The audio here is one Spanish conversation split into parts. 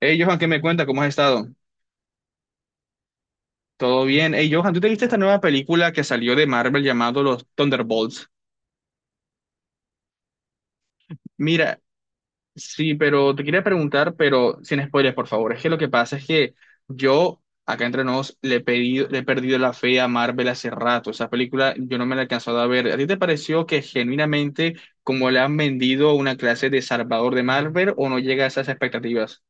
Hey, Johan, ¿qué me cuenta? ¿Cómo has estado? ¿Todo bien? Hey, Johan, ¿tú te viste esta nueva película que salió de Marvel llamado Los Thunderbolts? Mira, sí, pero te quería preguntar, pero sin spoilers, por favor. Es que lo que pasa es que yo, acá entre nos, le he pedido, le he perdido la fe a Marvel hace rato. Esa película yo no me la he alcanzado a ver. ¿A ti te pareció que genuinamente como le han vendido una clase de salvador de Marvel o no llega a esas expectativas?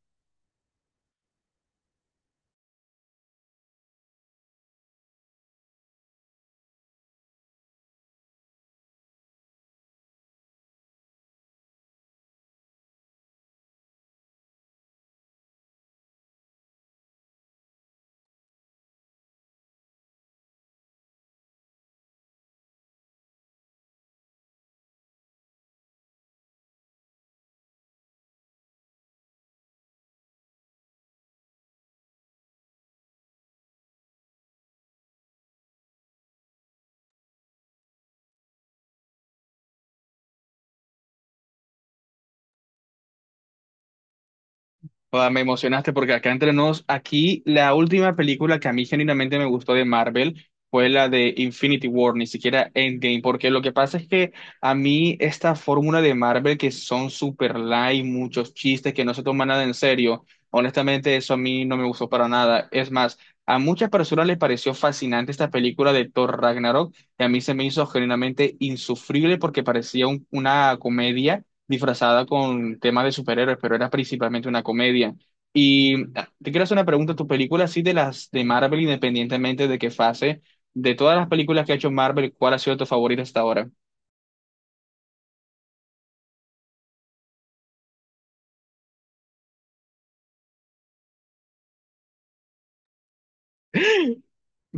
Joda, me emocionaste porque acá entre nos, aquí la última película que a mí genuinamente me gustó de Marvel fue la de Infinity War, ni siquiera Endgame, porque lo que pasa es que a mí esta fórmula de Marvel que son super light, muchos chistes que no se toman nada en serio, honestamente eso a mí no me gustó para nada. Es más, a muchas personas les pareció fascinante esta película de Thor Ragnarok y a mí se me hizo genuinamente insufrible porque parecía una comedia disfrazada con temas de superhéroes, pero era principalmente una comedia. Y ah, te quiero hacer una pregunta, ¿tu película así de las de Marvel, independientemente de qué fase, de todas las películas que ha hecho Marvel, cuál ha sido tu favorita hasta ahora?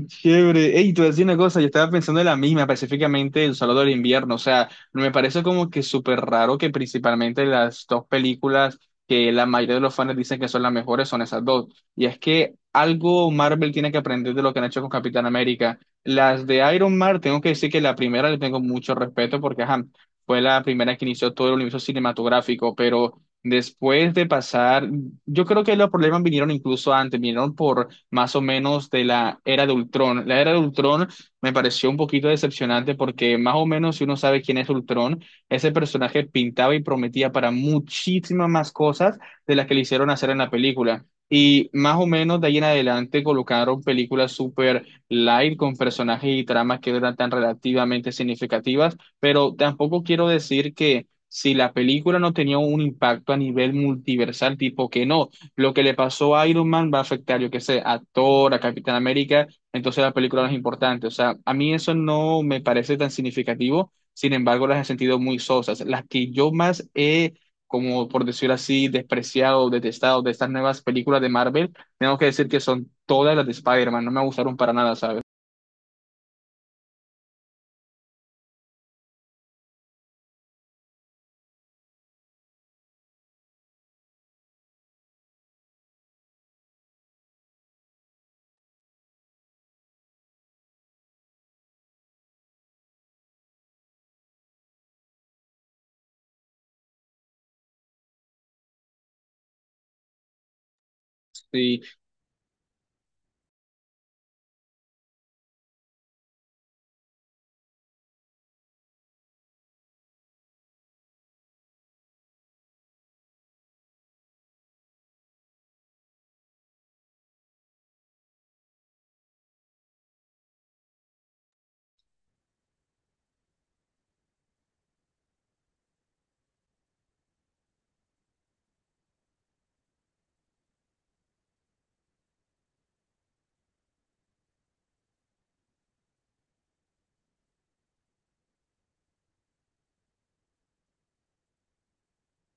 Chévere. Ey, te voy a decir una cosa, yo estaba pensando en la misma, específicamente El Salón del Invierno. O sea, me parece como que súper raro que principalmente las dos películas que la mayoría de los fans dicen que son las mejores son esas dos. Y es que algo Marvel tiene que aprender de lo que han hecho con Capitán América. Las de Iron Man, tengo que decir que la primera le tengo mucho respeto porque ajá, fue la primera que inició todo el universo cinematográfico, pero después de pasar, yo creo que los problemas vinieron incluso antes, vinieron por más o menos de la era de Ultron. La era de Ultron me pareció un poquito decepcionante porque más o menos si uno sabe quién es Ultron, ese personaje pintaba y prometía para muchísimas más cosas de las que le hicieron hacer en la película. Y más o menos de ahí en adelante colocaron películas super light con personajes y tramas que no eran tan relativamente significativas, pero tampoco quiero decir que si la película no tenía un impacto a nivel multiversal, tipo que no, lo que le pasó a Iron Man va a afectar, yo qué sé, a Thor, a Capitán América, entonces la película no es importante. O sea, a mí eso no me parece tan significativo, sin embargo, las he sentido muy sosas. Las que yo más he, como por decirlo así, despreciado, detestado de estas nuevas películas de Marvel, tengo que decir que son todas las de Spider-Man, no me gustaron para nada, ¿sabes? Sí.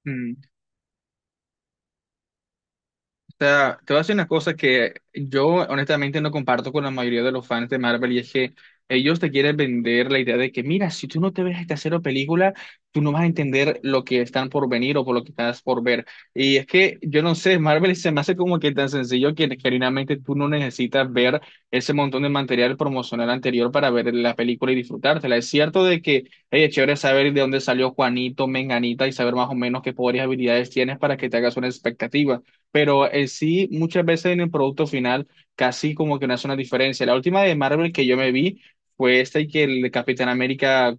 Mm. Sea, te voy a decir una cosa que yo honestamente no comparto con la mayoría de los fans de Marvel y es que ellos te quieren vender la idea de que, mira, si tú no te ves esta cero película, tú no vas a entender lo que están por venir o por lo que estás por ver. Y es que yo no sé, Marvel se me hace como que tan sencillo que genuinamente tú no necesitas ver ese montón de material promocional anterior para ver la película y disfrutártela. Es cierto de que, hey, es chévere saber de dónde salió Juanito, Menganita y saber más o menos qué poderes y habilidades tienes para que te hagas una expectativa pero en sí muchas veces en el producto final casi como que no hace una diferencia. La última de Marvel que yo me vi fue esta y que el de Capitán América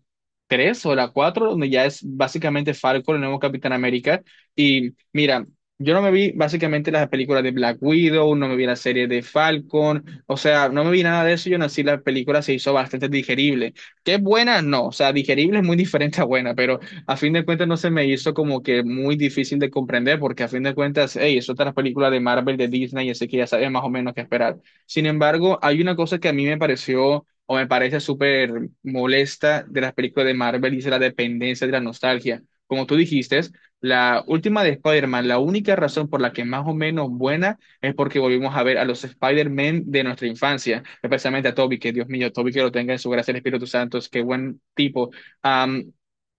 3 o la 4 donde ya es básicamente Falcon, el nuevo Capitán América. Y mira, yo no me vi básicamente las películas de Black Widow, no me vi la serie de Falcon, o sea, no me vi nada de eso, yo nací, la película se hizo bastante digerible. ¿Qué buena? No, o sea, digerible es muy diferente a buena, pero a fin de cuentas no se me hizo como que muy difícil de comprender, porque a fin de cuentas, hey, es otra película de Marvel, de Disney, así que ya sabes más o menos qué esperar. Sin embargo, hay una cosa que a mí me pareció o me parece súper molesta de las películas de Marvel y es la dependencia de la nostalgia. Como tú dijiste, la última de Spider-Man, la única razón por la que más o menos buena es porque volvimos a ver a los Spider-Man de nuestra infancia, especialmente a Toby, que Dios mío, Toby que lo tenga en su gracia el Espíritu Santo, es qué buen tipo. Am,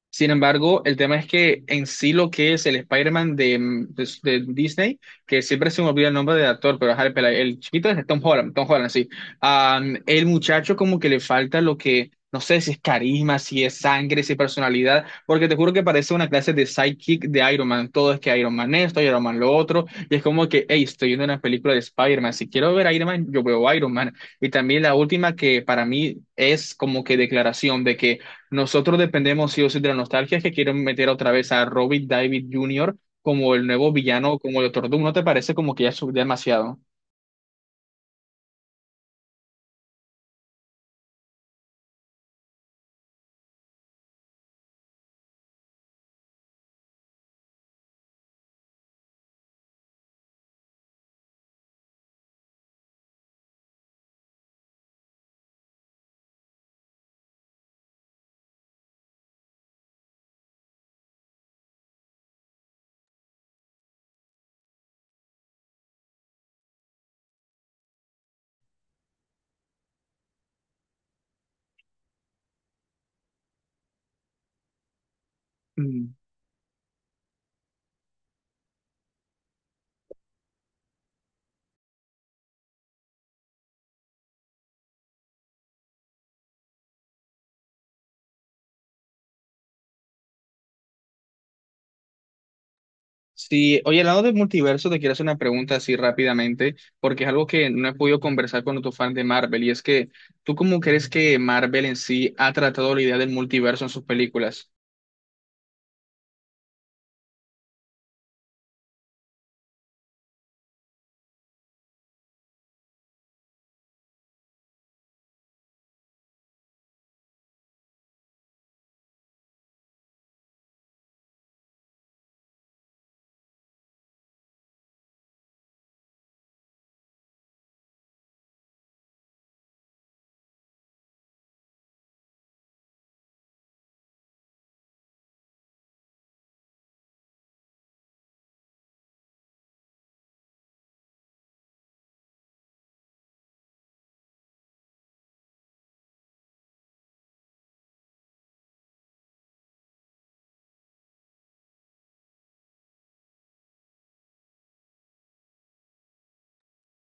sin embargo, el tema es que en sí lo que es el Spider-Man de, de Disney, que siempre se me olvida el nombre del actor, pero ajá, el, el chiquito es Tom Holland, Tom Holland, sí. El muchacho como que le falta lo que, no sé si es carisma, si es sangre, si es personalidad, porque te juro que parece una clase de sidekick de Iron Man. Todo es que Iron Man esto, Iron Man lo otro, y es como que, hey, estoy viendo una película de Spider-Man, si quiero ver a Iron Man, yo veo a Iron Man. Y también la última que para mí es como que declaración de que nosotros dependemos sí o sí de la nostalgia que quieren meter otra vez a Robert David Jr. como el nuevo villano, como el Doctor Doom. ¿No te parece como que ya es demasiado? Mm. Sí, oye, hablando del multiverso, te quiero hacer una pregunta así rápidamente, porque es algo que no he podido conversar con otro fan de Marvel, y es que, ¿tú cómo crees que Marvel en sí ha tratado la idea del multiverso en sus películas?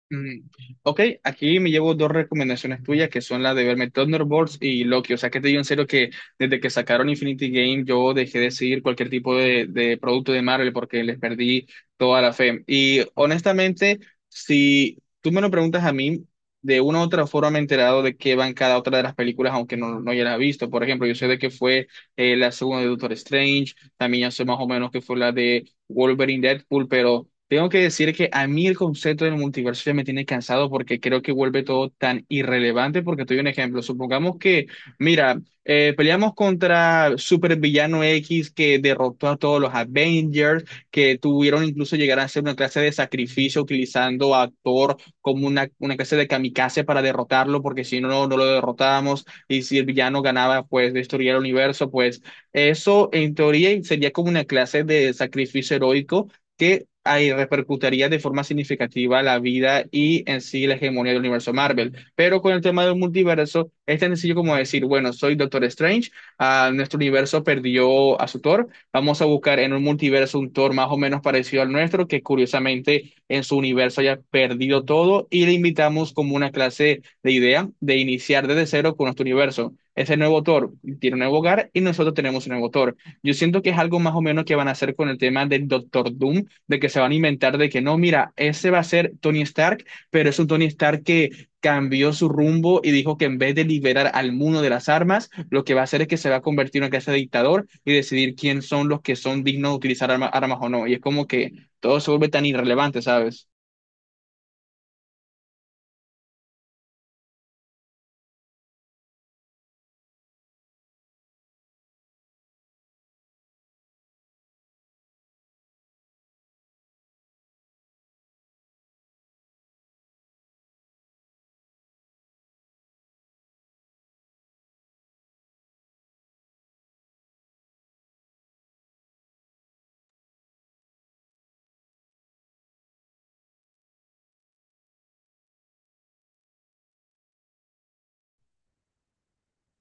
Mm. Ok, aquí me llevo dos recomendaciones tuyas que son la de verme Thunderbolts y Loki. O sea, que te digo en serio que desde que sacaron Infinity Game yo dejé de seguir cualquier tipo de producto de Marvel porque les perdí toda la fe. Y honestamente, si tú me lo preguntas a mí, de una u otra forma me he enterado de qué van cada otra de las películas, aunque no, no ya las he visto. Por ejemplo, yo sé de qué fue la segunda de Doctor Strange, también ya sé más o menos que fue la de Wolverine Deadpool, pero tengo que decir que a mí el concepto del multiverso ya me tiene cansado porque creo que vuelve todo tan irrelevante. Porque te doy un ejemplo. Supongamos que, mira, peleamos contra Supervillano X que derrotó a todos los Avengers, que tuvieron incluso llegar a hacer una clase de sacrificio utilizando a Thor como una clase de kamikaze para derrotarlo, porque si no, no lo derrotábamos. Y si el villano ganaba, pues destruía el universo, pues. Eso, en teoría, sería como una clase de sacrificio heroico que ahí repercutiría de forma significativa la vida y en sí la hegemonía del universo Marvel. Pero con el tema del multiverso, es tan sencillo como decir, bueno, soy Doctor Strange, ah, nuestro universo perdió a su Thor, vamos a buscar en un multiverso un Thor más o menos parecido al nuestro, que curiosamente en su universo haya perdido todo, y le invitamos como una clase de idea de iniciar desde cero con nuestro universo. Ese nuevo autor tiene un nuevo hogar y nosotros tenemos un nuevo autor. Yo siento que es algo más o menos que van a hacer con el tema del Doctor Doom, de que se van a inventar de que no, mira, ese va a ser Tony Stark, pero es un Tony Stark que cambió su rumbo y dijo que en vez de liberar al mundo de las armas, lo que va a hacer es que se va a convertir en una clase de dictador y decidir quién son los que son dignos de utilizar armas o no. Y es como que todo se vuelve tan irrelevante, ¿sabes?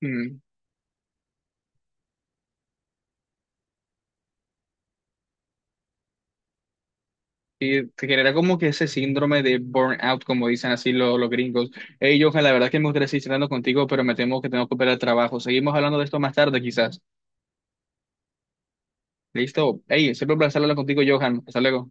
Mm. Y te genera como que ese síndrome de burnout, como dicen así los, gringos. Hey, Johan, la verdad que me gustaría seguir hablando contigo, pero me temo que tengo que operar al trabajo. Seguimos hablando de esto más tarde, quizás. ¿Listo? Hey, siempre un placer hablar contigo, Johan. Hasta luego.